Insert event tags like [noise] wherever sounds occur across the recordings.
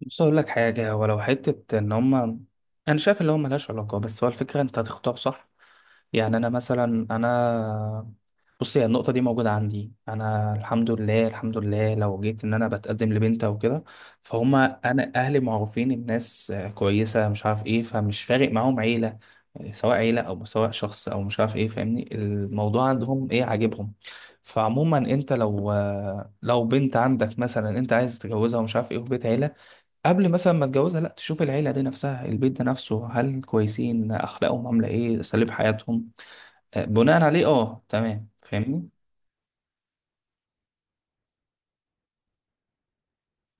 بص اقول لك حاجه، ولو حته ان هم انا شايف اللي هو ملهاش علاقه. بس هو الفكره انت هتختار صح. يعني انا مثلا انا هي النقطه دي موجوده عندي انا، الحمد لله. لو جيت ان انا بتقدم لبنت او كده، فهم انا اهلي معروفين الناس، كويسه مش عارف ايه، فمش فارق معاهم عيله. سواء عيله او سواء شخص او مش عارف ايه، فاهمني؟ الموضوع عندهم ايه عاجبهم. فعموما انت لو لو بنت عندك مثلا انت عايز تتجوزها ومش عارف ايه في بيت عيله، قبل مثلا ما اتجوزها لا تشوف العيله دي نفسها، البيت ده نفسه، هل كويسين؟ اخلاقهم عامله ايه؟ اساليب حياتهم؟ بناء عليه اه تمام. فاهمني؟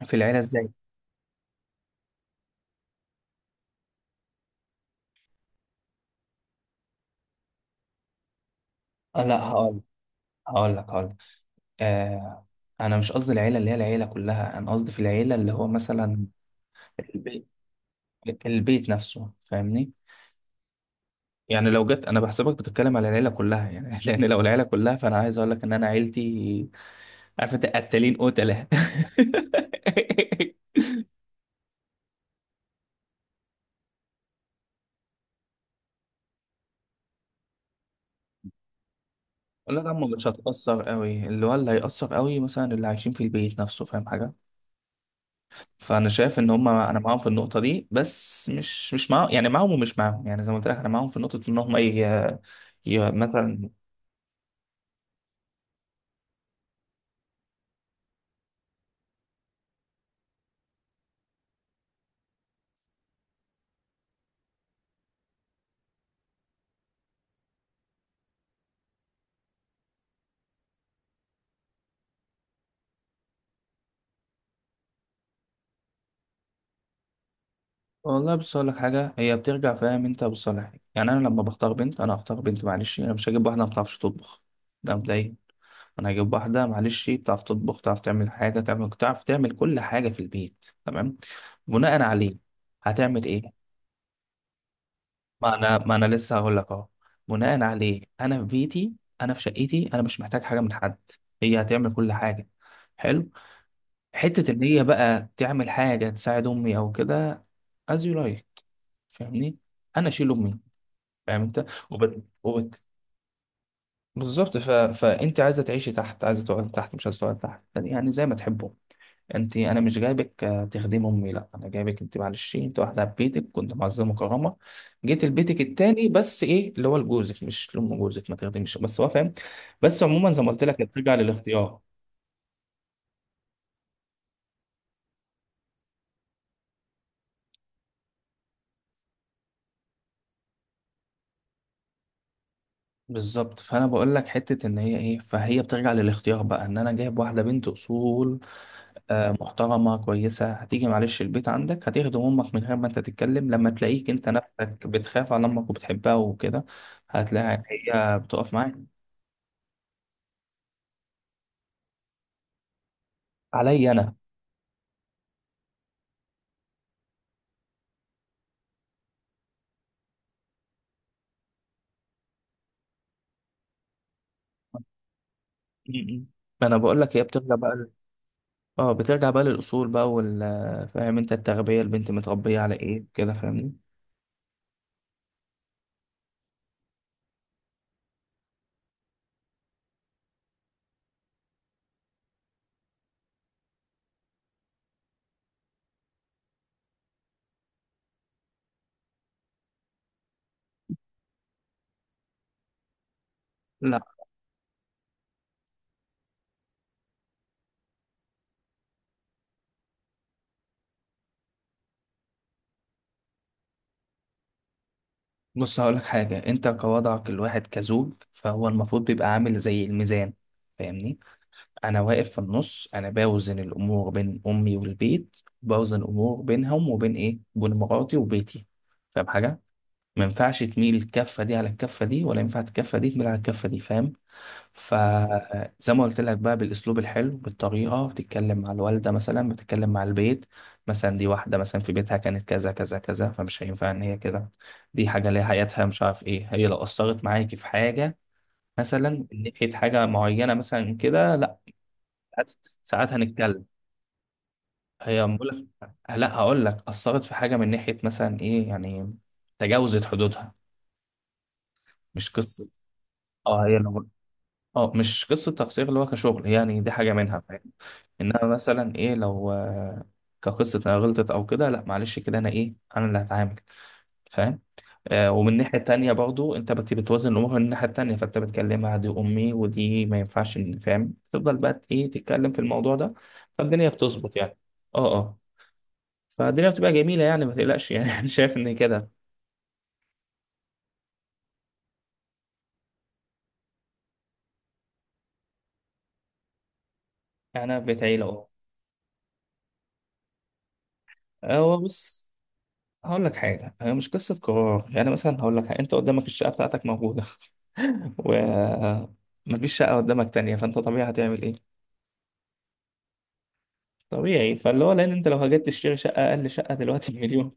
في العيله ازاي؟ لا هقول. هقول لك آه، انا مش قصدي العيله اللي هي العيله كلها، انا قصدي في العيله اللي هو مثلا البيت البيت نفسه، فاهمني؟ يعني لو جت انا بحسبك بتتكلم على العيله كلها يعني [laughs] لان لو العيله كلها، فانا عايز اقول لك ان انا عيلتي عارف انت، قتالين قتله. [laughs] لا يا عم، مش هتأثر قوي. اللي هو اللي هيأثر قوي مثلا اللي عايشين في البيت نفسه، فاهم حاجة؟ فأنا شايف إن هم أنا معاهم في النقطة دي، بس مش معاهم، يعني معاهم ومش معاهم، يعني زي ما قلت لك أنا معاهم في نقطة إن هم إيه، مثلا. والله بص أقول لك حاجة، هي بترجع، فاهم أنت؟ بصالح، يعني أنا لما بختار بنت أنا هختار بنت، معلش، أنا مش هجيب واحدة ما بتعرفش تطبخ. ده مبدئيا. أنا هجيب واحدة معلش بتعرف تطبخ، تعرف تعمل حاجة، تعرف تعمل كل حاجة في البيت، تمام؟ بناء عليه هتعمل إيه؟ ما انا لسه هقول لك اهو. بناء عليه انا في بيتي، انا في شقتي، انا مش محتاج حاجه من حد. هي هتعمل كل حاجه، حلو. حته ان هي بقى تعمل حاجه تساعد امي او كده، as you like، فاهمني؟ انا اشيل امي، فاهم انت؟ وبت... بالظبط. فانت عايزه تعيشي تحت، عايزه تقعدي تحت، مش عايزه تقعدي تحت، يعني يعني زي ما تحبوا انت. انا مش جايبك تخدمي امي، لا، انا جايبك انت معلش، انت واحده في بيتك كنت معززه مكرمه، جيت لبيتك التاني. بس ايه اللي هو لجوزك، مش لام جوزك ما تخدميش، بس هو فاهم. بس عموما زي ما قلت لك هي بترجع للاختيار. بالظبط، فانا بقول لك حته ان هي ايه، فهي بترجع للاختيار بقى ان انا جايب واحده بنت اصول، محترمة كويسة، هتيجي معلش البيت عندك هتخدم أمك من غير ما أنت تتكلم، لما تلاقيك أنت نفسك بتخاف على أمك وبتحبها وكده، هتلاقيها هي بتقف معاك. عليا أنا. م-م. أنا بقول لك هي بترجع بقى ل- اه بترجع بقى للأصول بقى وال، فاهم أنت؟ التربية البنت متربية على إيه كده، فاهمني؟ لا بص هقول لك حاجة، أنت كوضعك الواحد كزوج، فهو المفروض بيبقى عامل زي الميزان، فاهمني؟ انا واقف في النص، انا باوزن الامور بين امي والبيت، باوزن الامور بينهم وبين ايه، بين مراتي وبيتي، فاهم حاجه؟ ما ينفعش تميل الكفه دي على الكفه دي، ولا ينفع الكفه دي تميل على الكفه دي، فاهم؟ فزي ما قلت لك بقى بالاسلوب الحلو، بالطريقه، بتتكلم مع الوالده، مثلا بتتكلم مع البيت، مثلا دي واحده مثلا في بيتها كانت كذا كذا كذا، فمش هينفع ان هي كده، دي حاجه ليها حياتها مش عارف ايه. هي لو اثرت معاكي في حاجه مثلا من ناحيه حاجه معينه مثلا كده، ساعات ساعات هنتكلم. هي بقول لك، لا هقول لك، اثرت في حاجه من ناحيه مثلا ايه، يعني تجاوزت حدودها، مش قصه، اه هي لو، اه مش قصه تقصير اللي هو كشغل، يعني دي حاجه منها، فاهم؟ انما مثلا ايه لو كقصه انا غلطت او كده، لا معلش كده انا ايه انا اللي هتعامل، فاهم؟ آه، ومن الناحيه التانيه برضو انت بتوازن الامور من الناحيه التانيه، فانت بتكلمها دي امي، ودي ما ينفعش إن، فاهم؟ تفضل بقى ايه تتكلم في الموضوع ده، فالدنيا بتظبط يعني. اه اه، فالدنيا بتبقى جميلة يعني، ما تقلقش يعني. [laughs] أنا شايف إن كده. أنا في بيت عيلة أهو. هو بص هقول لك حاجة، هي مش قصة قرار. يعني مثلا هقول لك حاجة، أنت قدامك الشقة بتاعتك موجودة، [laughs] ومفيش شقة قدامك تانية، فأنت طبيعي هتعمل إيه؟ طبيعي، فاللي هو لأن أنت لو هجيت تشتري شقة، أقل شقة دلوقتي بمليون.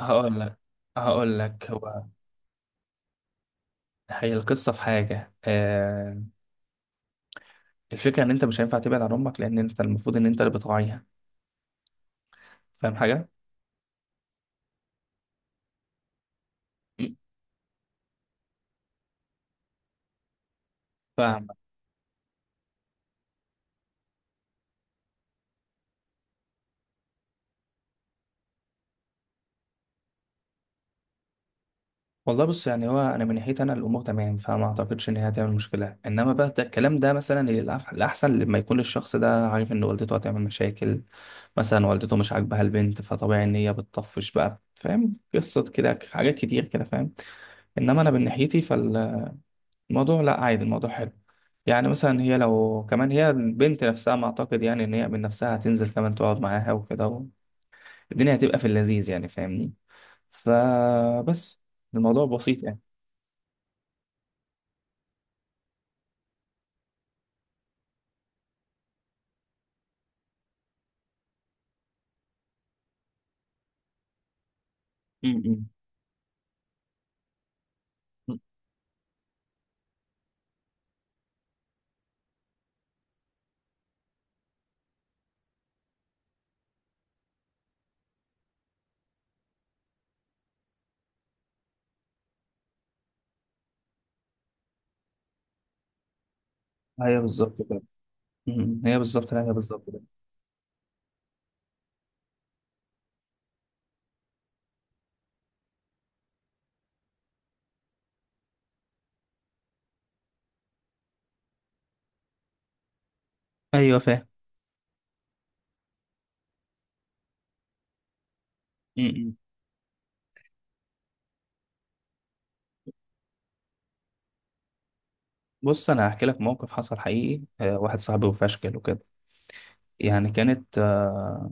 هقول لك هقول لك هو هي القصة في حاجة، آه، الفكرة إن أنت مش هينفع تبعد عن أمك، لأن أنت المفروض إن أنت اللي بتراعيها، فاهم حاجة؟ فاهم. والله بص، يعني هو انا من ناحيتي انا الامور تمام، فما اعتقدش ان هي هتعمل مشكله. انما بقى ده الكلام ده مثلا الاحسن لما يكون الشخص ده عارف ان والدته هتعمل مشاكل، مثلا والدته مش عاجبها البنت، فطبيعي ان هي بتطفش بقى، فاهم؟ قصه كده حاجات كتير كده، فاهم؟ انما انا من ناحيتي فالموضوع لا عادي، الموضوع حلو يعني. مثلا هي لو كمان، هي البنت نفسها، ما اعتقد يعني ان هي من نفسها هتنزل كمان تقعد معاها وكده، الدنيا هتبقى في اللذيذ يعني، فاهمني؟ فبس، الموضوع بسيط يعني. م- م. هي بالظبط كده. م- م. هي بالظبط، لا هي بالظبط كده. ايوه فاهم. م- م. بص انا هحكي لك موقف حصل حقيقي، واحد صاحبي، وفشكل وكده، يعني كانت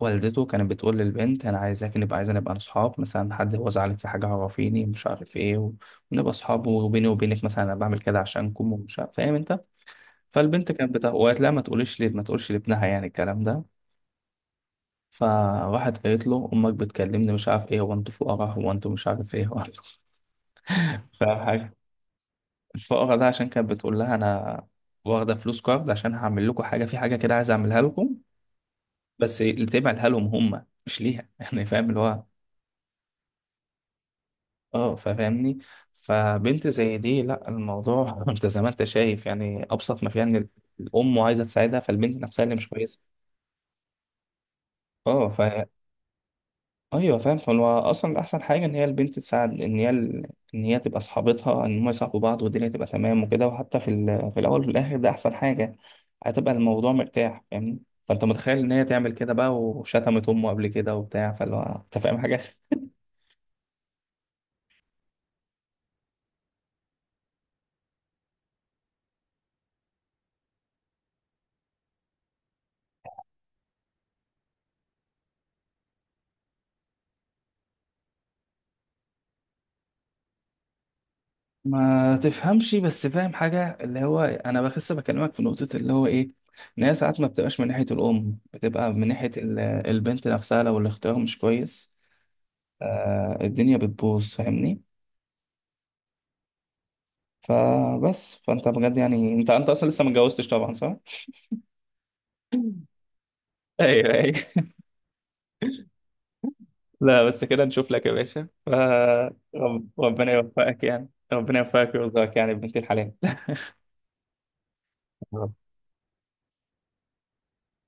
والدته كانت بتقول للبنت انا عايزاك نبقى، عايزة نبقى اصحاب، مثلا حد هو زعلك في حاجه عرفيني مش عارف ايه، و- ونبقى اصحاب، وبيني وبينك مثلا انا بعمل كده عشانكم ومش عارف، فاهم انت؟ فالبنت كانت بتقول، وقالت لا ما تقوليش لي، ما تقولش لابنها يعني الكلام ده. فراحت قالت له امك بتكلمني مش عارف ايه، هو انتوا فقراء، هو انتوا مش عارف ايه، هو أنتوا-" [laughs] الفقرة ده عشان كانت بتقول لها أنا واخدة فلوس كارد عشان هعمل لكم حاجة، في حاجة كده عايز أعملها لكم، بس اللي تعملها لهم هم مش ليها. [laughs] يعني فاهم اللي هو، اه فاهمني؟ فبنت زي دي، لا الموضوع [laughs] انت زي ما انت شايف يعني، ابسط ما فيها ان الام عايزه تساعدها، فالبنت نفسها اللي مش كويسه، اه. ايوه فاهم، هو اصلا احسن حاجه ان هي البنت تساعد، ان هي ان هي تبقى صحابتها، ان هم يصاحبوا بعض، والدنيا تبقى تمام وكده، وحتى في في الاول وفي الاخر ده احسن حاجه، هتبقى الموضوع مرتاح، فاهمني؟ فانت متخيل ان هي تعمل كده بقى، وشتمت امه قبل كده وبتاع، فاللي هو انت فاهم حاجه؟ ما تفهمش بس، فاهم حاجه؟ اللي هو انا بخس بكلمك في نقطه اللي هو ايه، ان هي ساعات ما بتبقاش من ناحيه الام، بتبقى من ناحيه البنت نفسها لو الاختيار مش كويس، آه الدنيا بتبوظ، فاهمني؟ فبس، فانت بجد يعني، انت اصلا لسه ما اتجوزتش طبعا، صح؟ [clears throat] [laughs] ايوه ايوه. لا بس كده نشوف لك يا باشا، ربنا يوفقك يعني، ربنا يوفقك ويرزقك يعني بنتي الحلال. [laughs]